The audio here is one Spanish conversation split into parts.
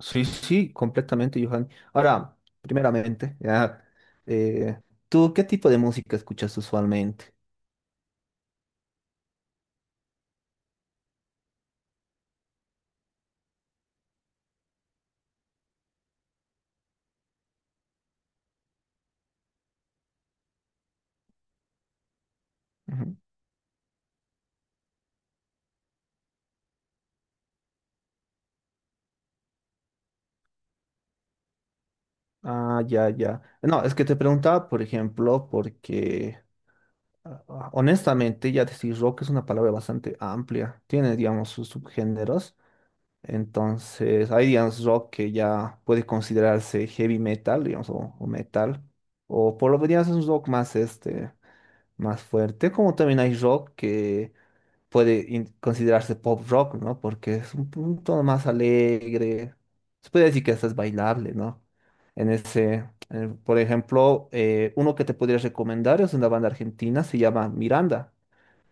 Sí, sí, completamente, Johan. Ahora, primeramente, ya, eh, ¿tú qué tipo de música escuchas usualmente? Ujú. Ah, ya, ya. No, es que te preguntaba, por ejemplo, porque honestamente ya decir rock es una palabra bastante amplia. Tiene, digamos, sus subgéneros. Entonces, hay, digamos, rock que ya puede considerarse heavy metal, digamos, o metal. O por lo menos es un rock más, este, más fuerte. Como también hay rock que considerarse pop rock, ¿no? Porque es un tono más alegre. Se puede decir que hasta es bailable, ¿no? Por ejemplo, uno que te podría recomendar es una banda argentina, se llama Miranda,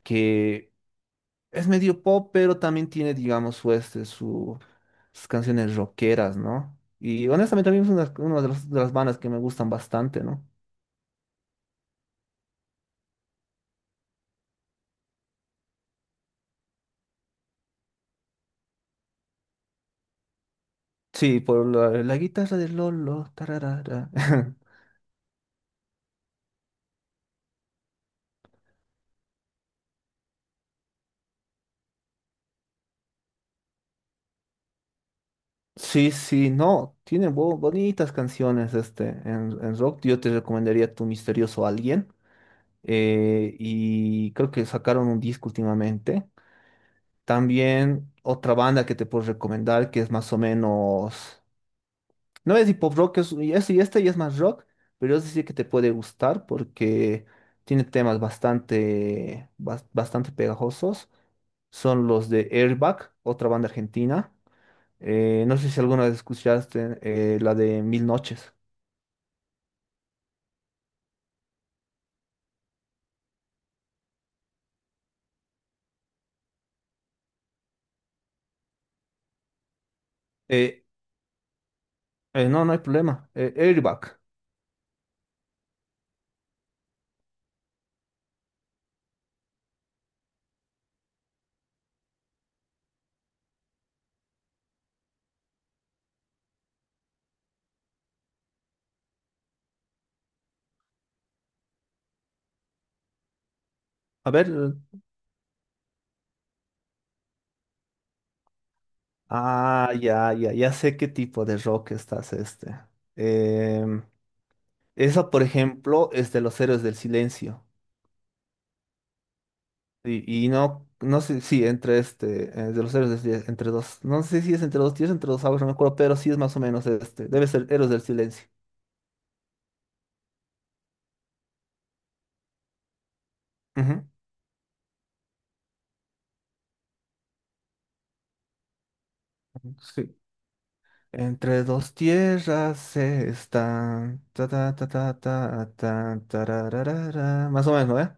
que es medio pop, pero también tiene, digamos, sus canciones rockeras, ¿no? Y honestamente a mí es una, las de las bandas que me gustan bastante, ¿no? Sí, por la guitarra de Lolo, tararara. Sí, sí, no, tiene bonitas canciones este en rock. Yo te recomendaría Tu Misterioso Alguien. Y creo que sacaron un disco últimamente. También otra banda que te puedo recomendar que es más o menos. No es hip hop rock, este ya es más rock, pero yo sí que te puede gustar porque tiene temas bastante pegajosos. Son los de Airbag, otra banda argentina. No sé si alguna vez escuchaste la de Mil Noches. Eh, no, no hay problema. Airbag. A ver. Ah, ya sé qué tipo de rock estás este. Em, Esa, por ejemplo, es de los Héroes del Silencio. Y no, no sé, sí, entre este, de los Héroes del Silencio, entre dos, no sé si es entre dos tíos, entre dos aguas, no me acuerdo, pero sí es más o menos este. Debe ser Héroes del Silencio. Ujú, ujú. Sí. Entre dos tierras se están. Ta, ta, ta, ta, ta, ta, tarararara. Más o menos, ¿eh?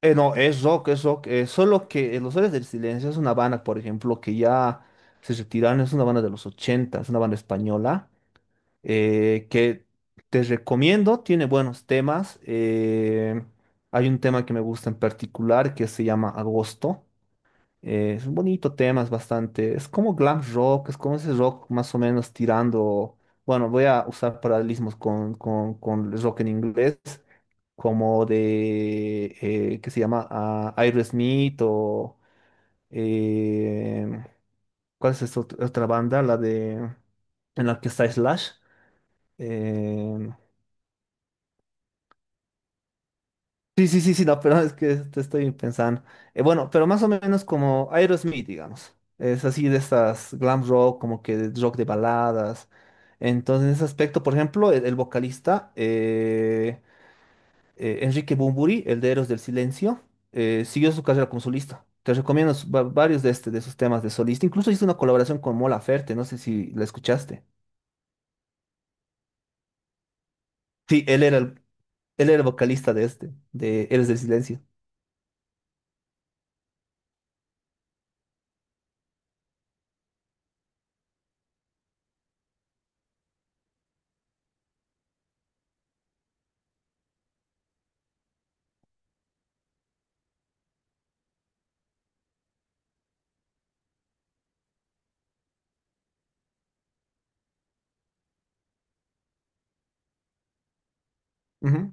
No, es rock, es rock. Solo que Los Héroes del Silencio es una banda, por ejemplo, que ya se retiraron. Es una banda de los 80, es una banda española. Que te recomiendo, tiene buenos temas. Hay un tema que me gusta en particular que se llama Agosto. Es un bonito tema, es bastante. Es como glam rock, es como ese rock más o menos tirando. Bueno, voy a usar paralelismos con el rock en inglés, como de. ¿Qué se llama? Ah, Aerosmith o. eh, ¿Cuál es esta otra banda? La de. En la que está Slash. eh, Sí, sí, sí, sí, no, pero es que te estoy pensando. Bueno, pero más o menos como Aerosmith, digamos. Es así de estas glam rock, como que de rock de baladas. Entonces, en ese aspecto, por ejemplo, el vocalista Enrique Bunbury, el de Héroes del Silencio, siguió su carrera como solista. Te recomiendo varios de, este, de sus temas de solista. Incluso hizo una colaboración con Mola Ferte, no sé si la escuchaste. Sí, él era el vocalista de este, de Héroes del Silencio. Ujú,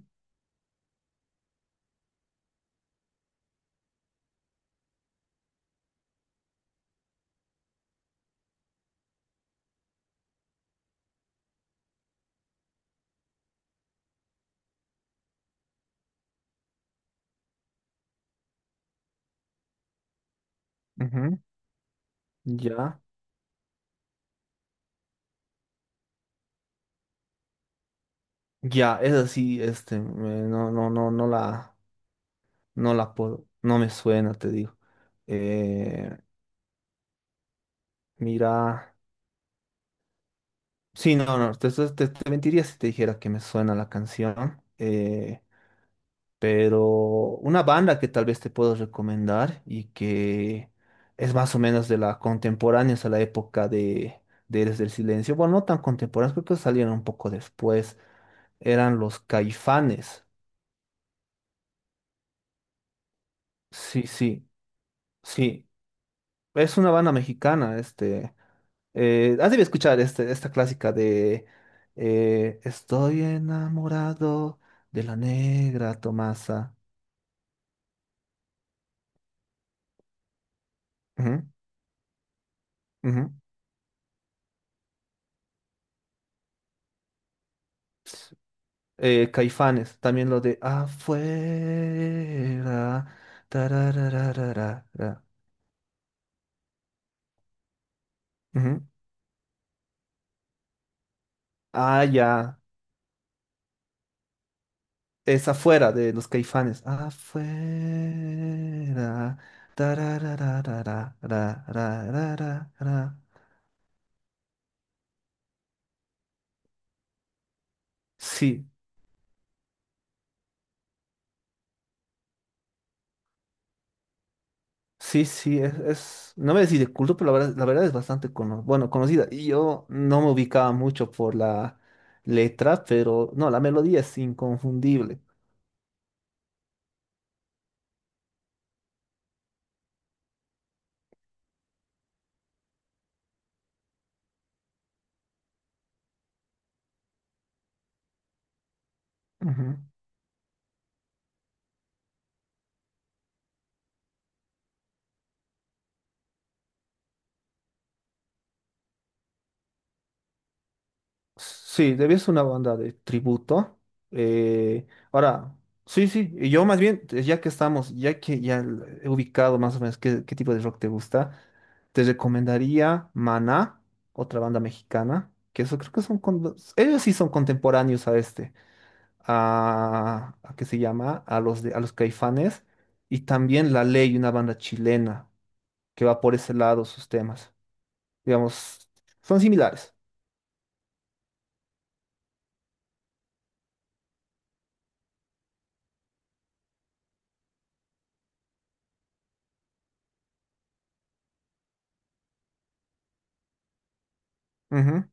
ujú. Ya. Ya, esa sí, este, no la puedo, no me suena, te digo. Eh, mira, sí, no, no, te mentiría si te dijera que me suena la canción, pero una banda que tal vez te puedo recomendar y que es más o menos de la contemporánea, a la época de Eres del Silencio, bueno, no tan contemporáneos, creo que salieron un poco después, eran los Caifanes, sí, sí, sí. Es una banda mexicana, este. Has debido escuchar este, esta clásica de Estoy enamorado de la negra Tomasa. Ujú, ujú. Caifanes, también lo de afuera. Tararararara, ujú. Ah, ya. Es afuera de los Caifanes. Afuera. Tararararararararara. Sí. Sí, sí, no me decís de culto, pero la verdad es bueno, conocida. Y yo no me ubicaba mucho por la letra, pero no, la melodía es inconfundible. Ujú. Sí, debía ser una banda de tributo. Eh, ahora, sí, sí, y yo más bien, ya que estamos, he ubicado más o menos qué tipo de rock te gusta, te recomendaría Maná, otra banda mexicana, que eso creo que son, ellos sí son contemporáneos a este. A ¿Qué se llama? A los Caifanes y también La Ley, una banda chilena que va por ese lado sus temas. Digamos, son similares. Ujú.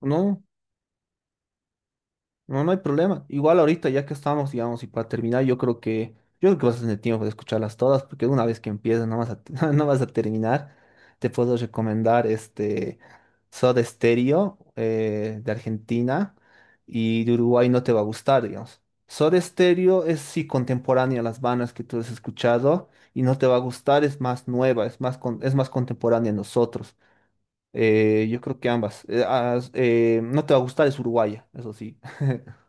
¿No? No, no hay problema. Igual ahorita, ya que estamos, digamos, y para terminar, yo creo que vas a tener tiempo de escucharlas todas, porque una vez que empiezas no vas a, no vas a terminar. Te puedo recomendar este Soda Stereo de Argentina y de Uruguay no te va a gustar, digamos. Soda Stereo es sí contemporánea a las bandas que tú has escuchado y no te va a gustar, es más nueva, es más contemporánea a nosotros. Yo creo que ambas. No te va a gustar, es uruguaya, eso sí.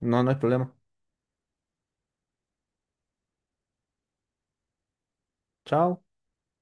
No, no hay problema. Chao.